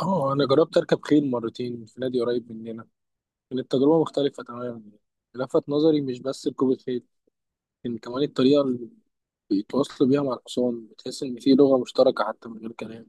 اه، انا جربت اركب خيل مرتين في نادي قريب مننا. كانت تجربه مختلفه تماما، لفت نظري مش بس ركوب الخيل، لكن كمان الطريقه اللي بيتواصلوا بيها مع الحصان. بتحس ان في لغه مشتركه حتى من غير كلام.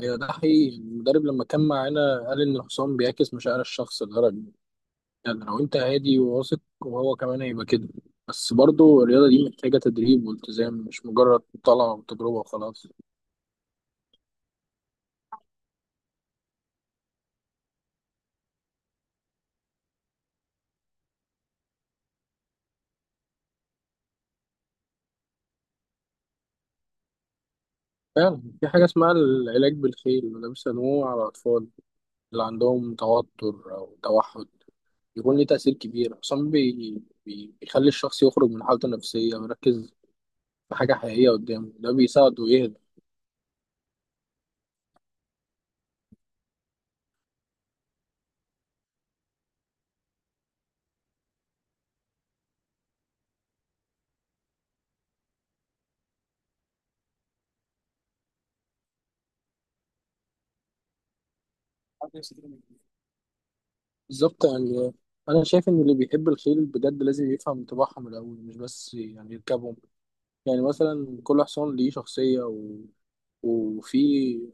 ايوه ده حقيقي، المدرب لما كان معانا قال ان الحصان بيعكس مشاعر الشخص الغربي، يعني لو انت هادي وواثق وهو كمان هيبقى كده. بس برضه الرياضه دي محتاجه تدريب والتزام، مش مجرد طلعه وتجربه وخلاص. فعلا في حاجه اسمها العلاج بالخيل، وده بيسموه على الاطفال اللي عندهم توتر أو توحد، بيكون ليه تأثير كبير أصلا بيخلي الشخص يخرج من حالته النفسية ويركز في حاجة حقيقية قدامه، ده بيساعده يهدى. بالظبط، يعني أنا شايف إن اللي بيحب الخيل بجد لازم يفهم طباعهم الأول، مش بس يعني يركبهم. يعني مثلا كل حصان ليه شخصية وفي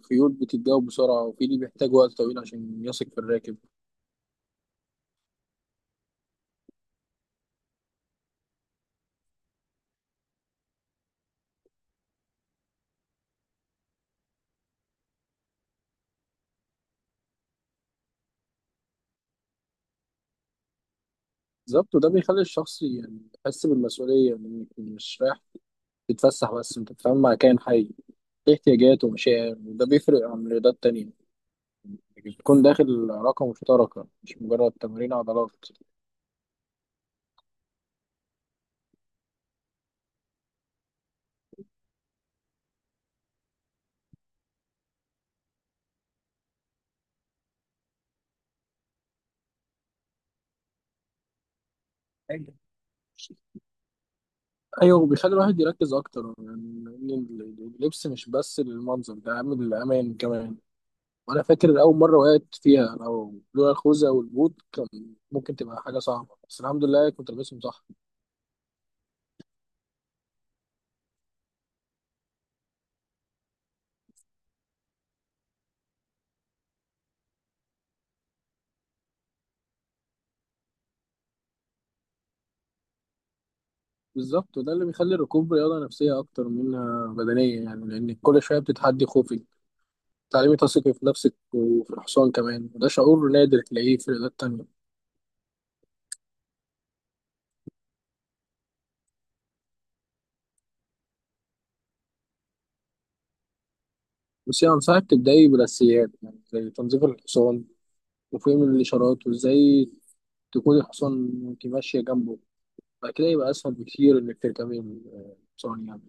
خيول بتتجاوب بسرعة، وفي اللي بيحتاج وقت طويل عشان يثق في الراكب. بالظبط، وده بيخلي الشخص يعني يحس بالمسؤولية، إنك مش رايح تتفسح، بس انت بتتعامل مع كائن حي ليه احتياجات ومشاعر، وده بيفرق عن رياضات تانية. بتكون داخل علاقة مشتركة مش مجرد تمرين عضلات. أيوة، وبيخلي الواحد يركز أكتر، يعني إن اللبس مش بس للمنظر، ده أهم للأمان كمان. وأنا فاكر أول مرة وقعت فيها، لو لولا الخوذة والبوت كان ممكن تبقى حاجة صعبة، بس الحمد لله كنت لابسهم صح. بالظبط، وده اللي بيخلي الركوب رياضة نفسية أكتر منها بدنية، يعني لأن كل شوية بتتحدي خوفك، تعليمي تثقي في نفسك وفي الحصان كمان، وده شعور نادر تلاقيه في الرياضات التانية. بس يعني أنصحك تبدأي بالأساسيات، يعني زي تنظيف الحصان وفهم الإشارات، وإزاي تكون الحصان وأنت ماشية جنبه. بعد كده يبقى أسهل بكتير إنك تركبي الحصان، يعني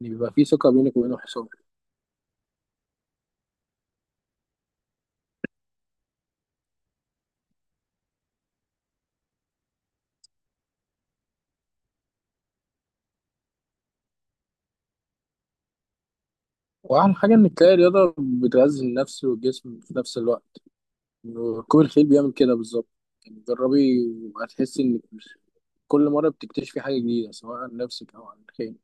يعني بيبقى فيه ثقة بينك وبين الحصان. وأحلى حاجة إنك تلاقي رياضة بتغذي النفس والجسم في نفس الوقت، ركوب الخيل بيعمل كده بالظبط. يعني جربي وهتحسي إنك كل مرة بتكتشفي حاجة جديدة، سواء عن نفسك أو عن الخيل.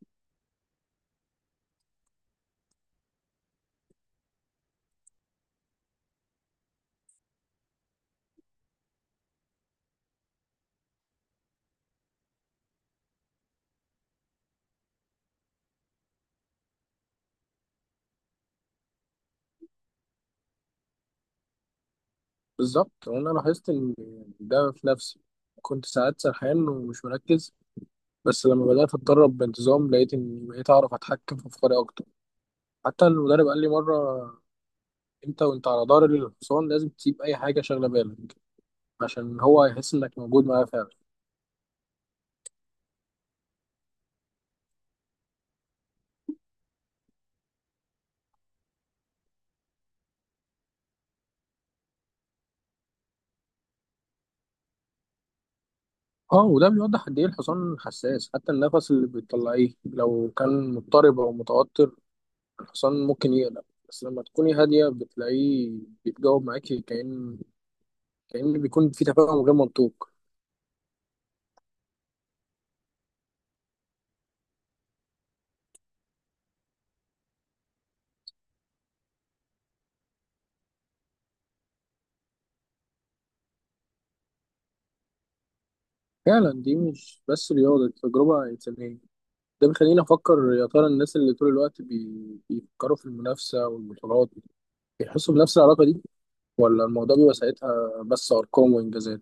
بالظبط، وانا لاحظت ان ده في نفسي، كنت ساعات سرحان ومش مركز، بس لما بدات اتدرب بانتظام لقيت اني بقيت اعرف اتحكم في افكاري اكتر. حتى المدرب قال لي مره: انت وانت على ظهر الحصان لازم تسيب اي حاجه شاغله بالك، عشان هو يحس انك موجود معاه فعلا. اه، وده بيوضح قد ايه الحصان حساس، حتى النفس اللي بتطلعيه لو كان مضطرب او متوتر الحصان ممكن يقلق. بس لما تكوني هاديه بتلاقيه بيتجاوب معاكي، كأن بيكون في تفاهم غير منطوق. فعلا دي مش بس رياضة، دي تجربة إنسانية. ده بيخليني أفكر يا ترى الناس اللي طول الوقت بيفكروا في المنافسة والبطولات بيحسوا بنفس العلاقة دي، ولا الموضوع بيبقى ساعتها بس أرقام وإنجازات.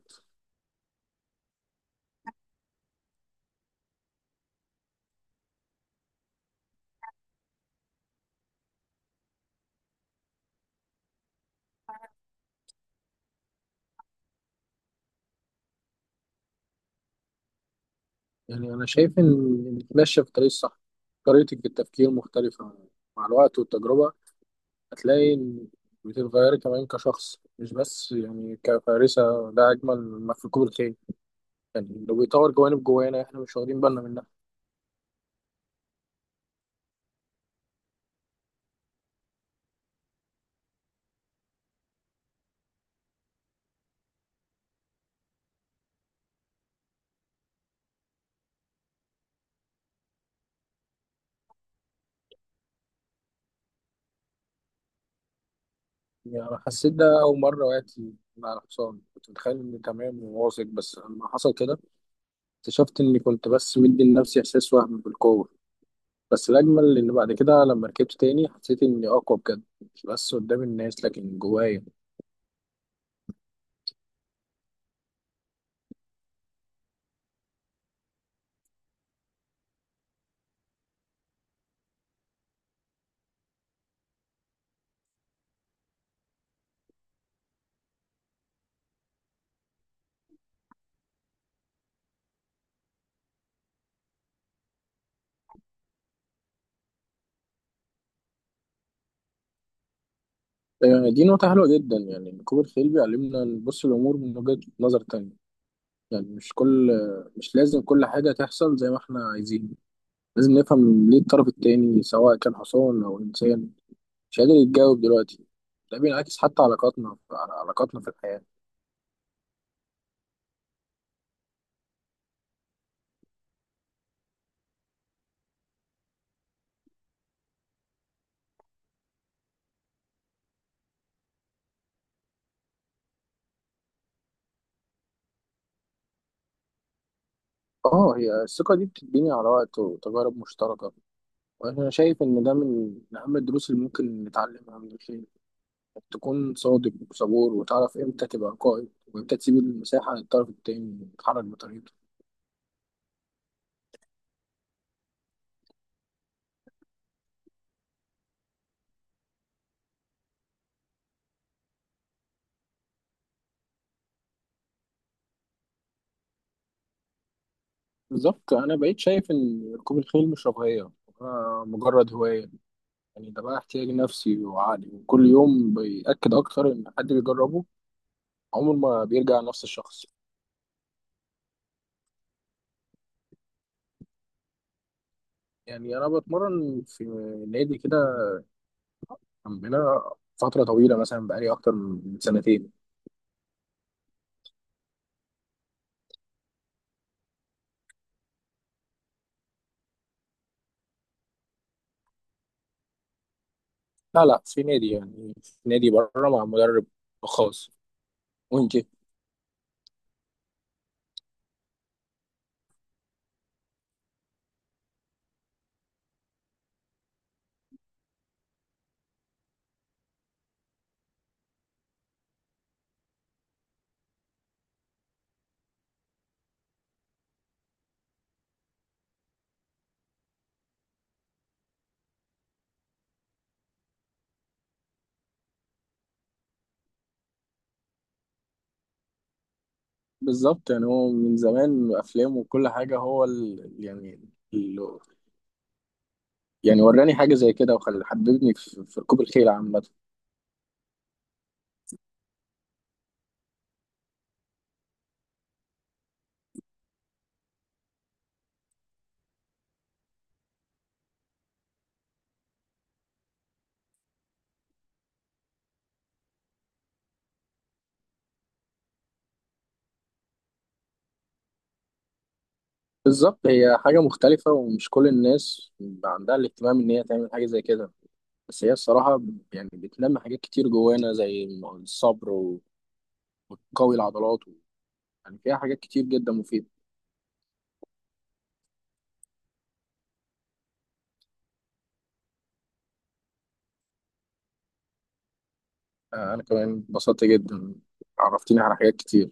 يعني أنا شايف إن إنك ماشية في الطريق الصح، طريقتك في التفكير مختلفة. مع الوقت والتجربة هتلاقي إن بتتغيري كمان كشخص، مش بس يعني كفارسة، ده أجمل ما في ركوب الخيل، يعني لو بيطور جوانب جوانا إحنا مش واخدين بالنا منها. يعني أنا حسيت ده أول مرة وقعت مع الحصان، كنت متخيل إني تمام وواثق، بس لما حصل كده اكتشفت إني كنت بس مدي لنفسي إحساس وهم بالقوة. بس الأجمل إن بعد كده لما ركبت تاني حسيت إني أقوى بجد، مش بس قدام الناس لكن جوايا. آه، دي نقطة حلوة جدا، يعني ركوب الخيل بيعلمنا نبص الأمور من وجهة نظر تانية، يعني مش لازم كل حاجة تحصل زي ما إحنا عايزين، لازم نفهم ليه الطرف التاني سواء كان حصان أو إنسان مش قادر يتجاوب دلوقتي. ده بينعكس حتى على علاقاتنا في الحياة. اه، هي الثقة دي بتتبني على وقت وتجارب مشتركة، وأنا شايف إن ده من أهم الدروس اللي ممكن نتعلمها من الخير، إنك تكون صادق وصبور وتعرف إمتى تبقى قائد وإمتى تسيب المساحة للطرف التاني يتحرك بطريقته. بالظبت أنا بقيت شايف إن ركوب الخيل مش رفاهية، آه، مجرد هواية، يعني ده بقى احتياج نفسي وعقلي، وكل يوم بيأكد أكتر إن حد بيجربه عمره ما بيرجع نفس الشخص. يعني أنا بتمرن في نادي كده عندنا فترة طويلة، مثلا بقالي أكتر من سنتين. لا لا، في نادي، يعني في نادي بره مع مدرب خاص. وأنت؟ بالظبط، يعني هو من زمان أفلام وكل حاجة، هو ال... يعني وراني حاجة زي كده، وخل حببني في ركوب الخيل عامة. بالظبط، هي حاجة مختلفة ومش كل الناس عندها الاهتمام إن هي تعمل حاجة زي كده، بس هي الصراحة يعني بتنمي حاجات كتير جوانا، زي الصبر قوي العضلات، يعني فيها حاجات كتير جدا مفيدة. آه، أنا كمان اتبسطت جدا، عرفتني على حاجات كتير.